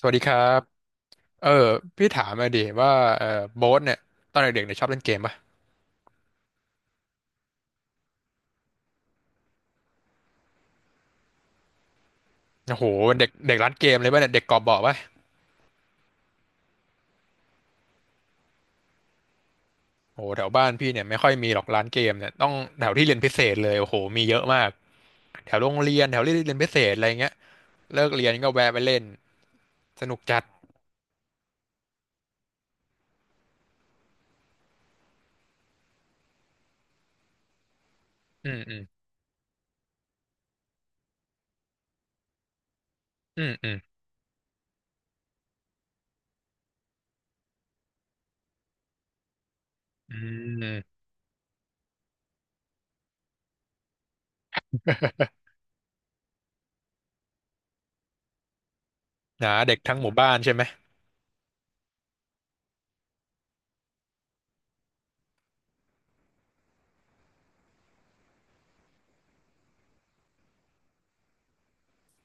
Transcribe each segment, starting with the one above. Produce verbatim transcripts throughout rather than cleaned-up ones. สวัสดีครับเออพี่ถามมาดิว่าเออโบ๊ทเนี่ยตอนเด็กๆเนี่ยชอบเล่นเกมป่ะโอ้โหเด็กเด็กร้านเกมเลยป่ะเนี่ยเด็กกอบบ่อป่ะโอ้โหแถวบ้านพี่เนี่ยไม่ค่อยมีหรอกร้านเกมเนี่ยต้องแถวที่เรียนพิเศษเลยโอ้โหมีเยอะมากแถวโรงเรียนแถวที่เรียนพิเศษอะไรเงี้ยเลิกเรียนก็แวะไปเล่นสนุกจัดอืมอืมอืมอืมอืมนะเด็กทั้งหมู่บ้านใช่ไหม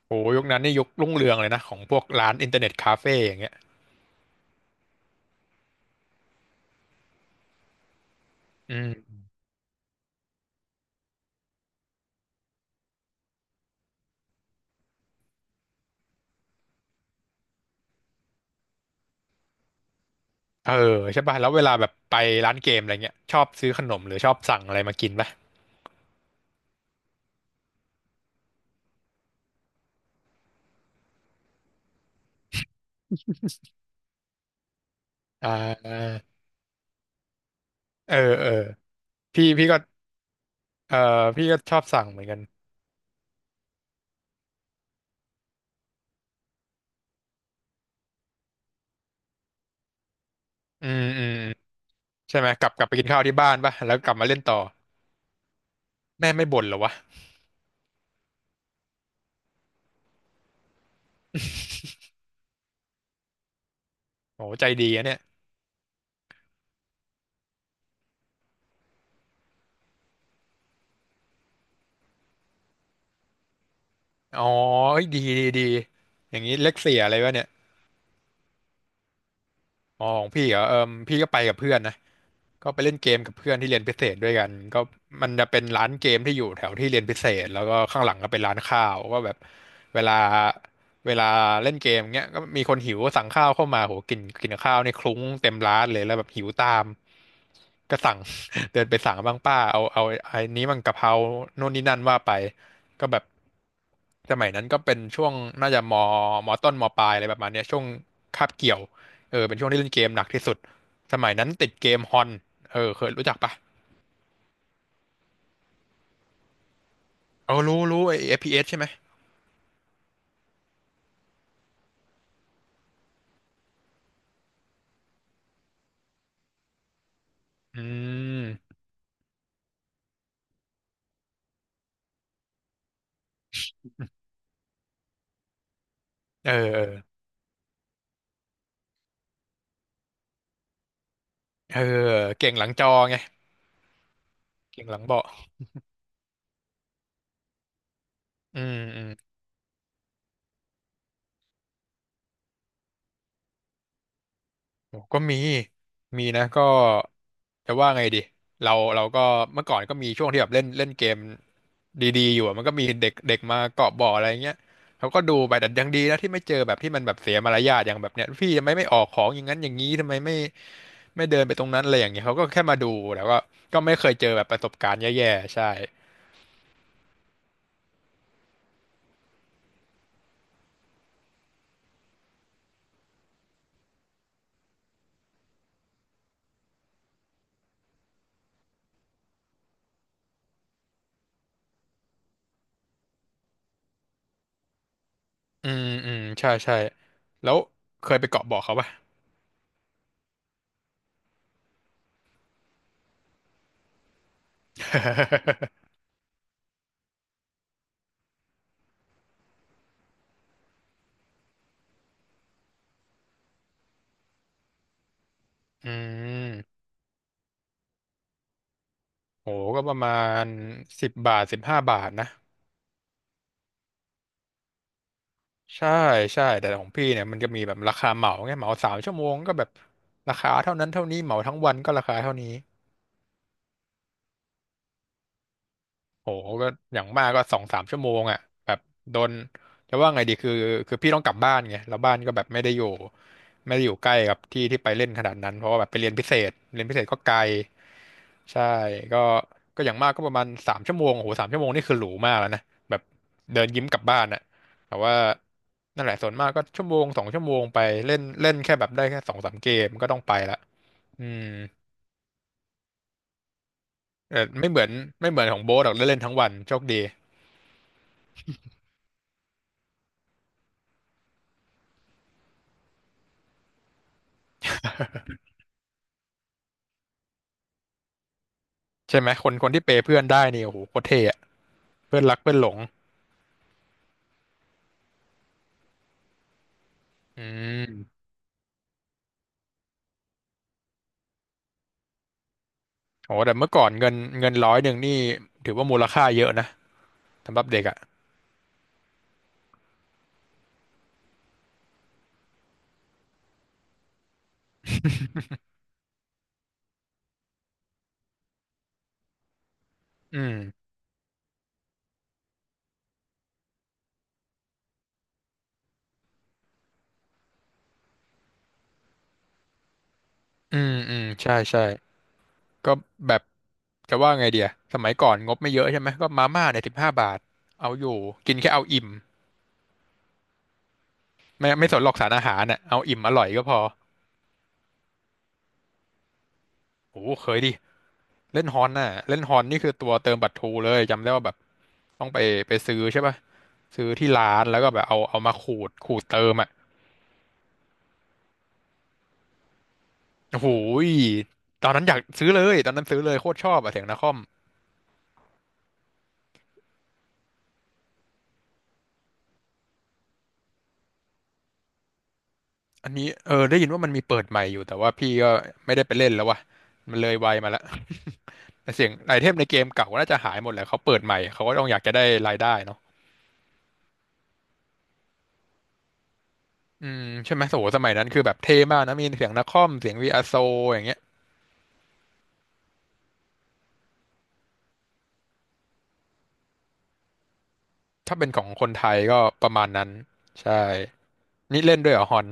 โอ้โหยุคนั้นนี่ยุครุ่งเรืองเลยนะของพวกร้านอินเทอร์เน็ตคาเฟ่อย่างเงี้ยอืม เออใช่ป่ะแล้วเวลาแบบไปร้านเกมอะไรเงี้ยชอบซื้อขนมหรือชอบสั่งอะไรมากินป่ะอ่าเออเออพี่พี่ก็เออพี่ก็ชอบสั่งเหมือนกันอืมอืมอืมใช่ไหมกลับกลับไปกินข้าวที่บ้านป่ะแล้วกลับมาเล่นต่อแม่ไม่บ่นเหรอวะโอ้ใจดีอะเนี่ยอ๋อเอ้ยดีดีดีอย่างนี้เล็กเสียอะไรวะเนี่ยอ๋อของพี่เหรอเออพี่ก็ไปกับเพื่อนนะ ก็ไปเล่นเกมกับเพื่อนที่เรียนพิเศษด้วยกันก็มันจะเป็นร้านเกมที่อยู่แถวที่เรียนพิเศษแล้วก็ข้างหลังก็เป็นร้านข้าวก็แบบเวลาเวลาเล่นเกมเงี้ยก็มีคนหิวก็สั่งข้าวเข้ามาโหกินกินข้าวนี่คลุ้งเต็มร้านเลยแล้วแบบหิวตาม ก็สั่ง เดินไปสั่งบ้างป้าเอาเอาไอ้นี้มันกะเพราโน่นนี่นั่นว่าไปก็แบบสมัยนั้นก็เป็นช่วงน่าจะมมต้นมปลายอะไรประมาณเนี้ยช่วงคาบเกี่ยวเออเป็นช่วงที่เล่นเกมหนักที่สุดสมัยนั้นติดเกมฮอน เออเคยรู้จักปะเออรู้รู้ไอ้ เอฟ พี เอส ใช่ไหมอืมเออเออเออเก่งหลังจอไงเก่งหลังเบาะอืมอืมโอ้ก็มีมีนะก็จะว่าไงดีเราเราก็เมื่อก่อนก็มีช่วงที่แบบเล่นเล่นเกมดีๆอยู่อะมันก็มีเด็กเด็กมาเกาะบ่ออะไรเงี้ยเขาก็ดูไปแต่ยังดีนะที่ไม่เจอแบบที่มันแบบเสียมารยาทอย่างแบบเนี้ยพี่ทำไมไม่ออกของอย่างนั้นอย่างนี้ทำไมไม่ไม่เดินไปตรงนั้นอะไรอย่างเงี้ยเขาก็แค่มาดูแล้วก็ก็ไม่เคยเจอแบบประสบการณ์แย่ๆใช่ อืมอืมใช่ใช่แล้วเคยไปเกาะบ่อเขาป่ะ อืมโหก็ประมาณสิบบาทสิบห้าบาทนะใช่ใช่แต่ของพี่เนี่ยมันจะมีแบบราคาเหมาไงเหมาสามชั่วโมงก็แบบราคาเท่านั้นเท่านี้เหมาทั้งวันก็ราคาเท่านี้ โหก็อย่างมากก็สองสามชั่วโมงอ่ะแบบโดนจะว่าไงดีคือคือพี่ต้องกลับบ้านไงแล้วบ้านก็แบบไม่ได้อยู่ไม่ได้อยู่ใกล้กับที่ที่ไปเล่นขนาดนั้นเพราะว่าแบบไปเรียนพิเศษเรียนพิเศษก็ไกลใช่ก็ก็อย่างมากก็ประมาณสามชั่วโมงโอ้โหสามชั่วโมงนี่คือหรูมากแล้วนะแบบเดินยิ้มกลับบ้านอ่ะแต่ว่านั่นแหละส่วนมากก็ชั่วโมงสองชั่วโมงไปเล่นเล่นแค่แบบได้แค่สองสามเกมก็ต้องไปละอืมเออไม่เหมือนไม่เหมือนของโบ๊ทหรอกได้เล่นทั้งวันโชคดี ใช่ไหมคนคนที่เปย์เพื่อนได้นี่โอ้โหโคตรเท่อะเพื่อนรักเพื่อนหลงอืมโอ้แต่เมื่อก่อนเงินเงินร้อยหนึ่งนี่ถือว่ามูลค่าเยอะนะสำหรับเด็กอ่ะอืมอืมอืมใช่ใช่ก็แบบจะว่าไงเดียสมัยก่อนงบไม่เยอะใช่ไหมก็มาม่าเนี่ยสิบห้าบาทเอาอยู่กินแค่เอาอิ่มไม่ไม่สนหรอกสารอาหารน่ะเอาอิ่มอร่อยก็พอโอ้โหเคยดิเล่นฮอนน่ะเล่นฮอนนี่คือตัวเติมบัตรทรูเลยจำได้ว่าแบบต้องไปไปซื้อใช่ป่ะซื้อที่ร้านแล้วก็แบบเอาเอามาขูดขูดเติมอ่ะ โอ้โหยตอนนั้นอยากซื้อเลยตอนนั้นซื้อเลยโคตรชอบอะเสียงนาคอมอันนี้เออได้ยินว่ามันมีเปิดใหม่อยู่แต่ว่าพี่ก็ไม่ได้ไปเล่นแล้ววะมันเลยวัยมาละแต่เสียงไอเทมในเกมเก่าน่าจะหายหมดแหละเขาเปิดใหม่เขาก็ต้องอยากจะได้รายได้เนาะอืมใช่ไหมโอ้โหสมัยนั้นคือแบบเท่มากนะมีเสียงนาคอมเสียงวีอาโซอย่างเงี้ยถ้าเป็นของคนไทยก็ประมาณนั้นใช่นี่เล่นด้วยเหรอฮอน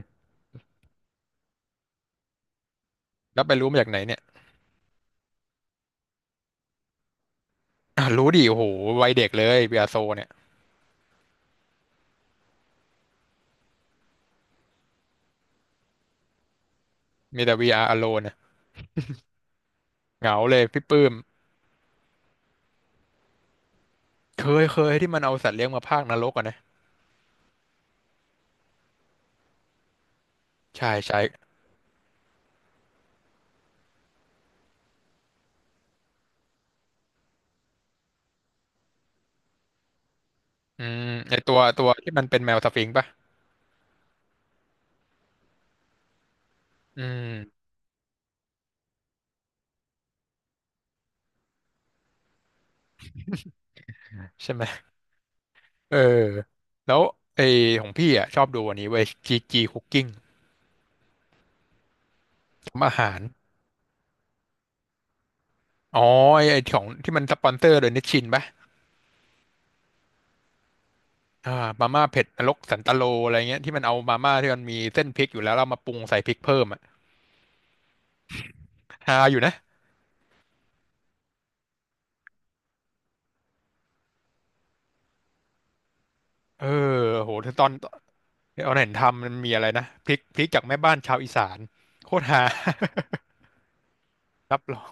แล้วไปรู้มาจากไหนเนี่ยอ่ะรู้ดิโอ้โหวัยเด็กเลยวีอาโซเนี่ยมีแต่ วี อาร์ Alone เนี่ยเหงาเลยพี่ปื้ม เคยเคยที่มันเอาสัตว์เลี้ยงมาพากนรกอ่ะนะใช่ใช่อืมไอตัวตัวที่มันเป็นแมวสฟิงค์ป่ะอืมใช่ไหมเออแล้วไอของพี่อ่ะชอบดูอันนี้เว้ยจีจีคุกกิ้งทำอาหารอ๋อไอไอ้ของที่มันสปอนเซอร์โดยนิชชินป่ะอ่ามาม่าเผ็ดนรกสันตโลอะไรเงี้ยที่มันเอามาม่าที่มันมีเส้นพริกอยู่แล้วเรามาปรุงใส่พริกเพิ่มอ่ะฮาอยู่นะเออโหตอนตอนเห็นทำมันมีอะไรนะพริกพริกจากแม่บ้านชาวอีสานโคตรฮา รับรอง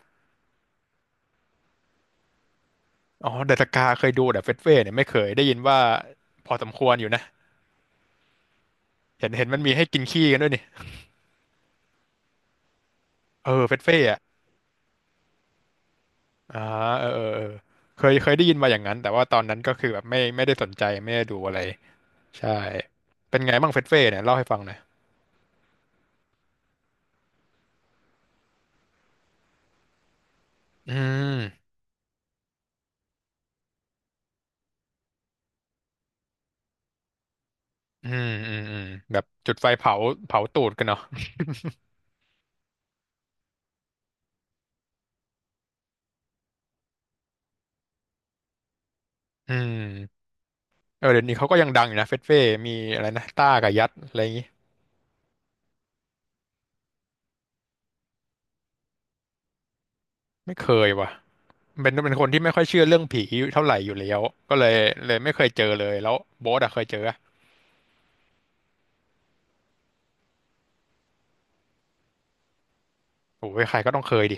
อ๋อเดอะสกาเคยดูแต่เฟสเฟ่เนี่ยไม่เคยได้ยินว่าพอสมควรอยู่นะเห็นเห็นมันมีให้กินขี้กันด้วยนี่เออเฟสเฟ่อะอ่าเออเออเออเคยเคยได้ยินมาอย่างนั้นแต่ว่าตอนนั้นก็คือแบบไม่ไม่ได้สนใจไม่ได้ดูอะไรใช่เป็นไงบ้างเฟสเฟ่เนี่ยเล่าให้ฟังหน่อยอืมอืมอืมอืมแบบจุดไฟเผาเผาตูดกันเนาะอืมเออเดี๋ยวนี้เขาก็ยังดังอยู่นะเฟสเฟ่มีอะไรนะต้ากับยัดอะไรอย่างงี้ไม่เคยว่ะ เป็นเป็นคนที่ไม่ค่อยเชื่อเรื่องผีเท่าไหร่อยู่แล้วก็เลยเลยไม่เคยเจอเลยแล้วโบ๊ทอะเคยเจออะโอ้ยใครก็ต้องเคยดิ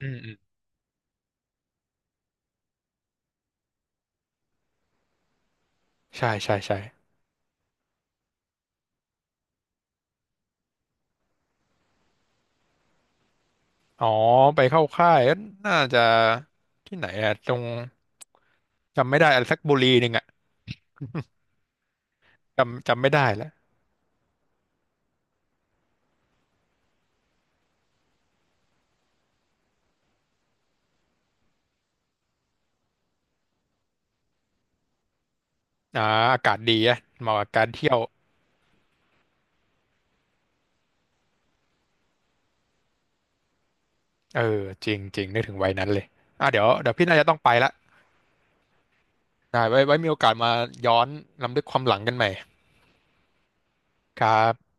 อืมอืมใช่ใช่ใช่อ๋อไปเข้าค่ายน่าจะที่ไหนอะตรงจำไม่ได้อะไรสักบุรีหนึ่งอะจำจำไม่ได้แล้วอ่าอากาศดีอะเหมาะกับการเที่ยวเออจริงจริงนึกถึงวัยนั้นเลยอ่ะเดี๋ยวเดี๋ยวพี่น่าจะต้องไปละได้ไว้ไว้มีโอกาสมาย้อนรำลึกความหลังกันใหม่ครับ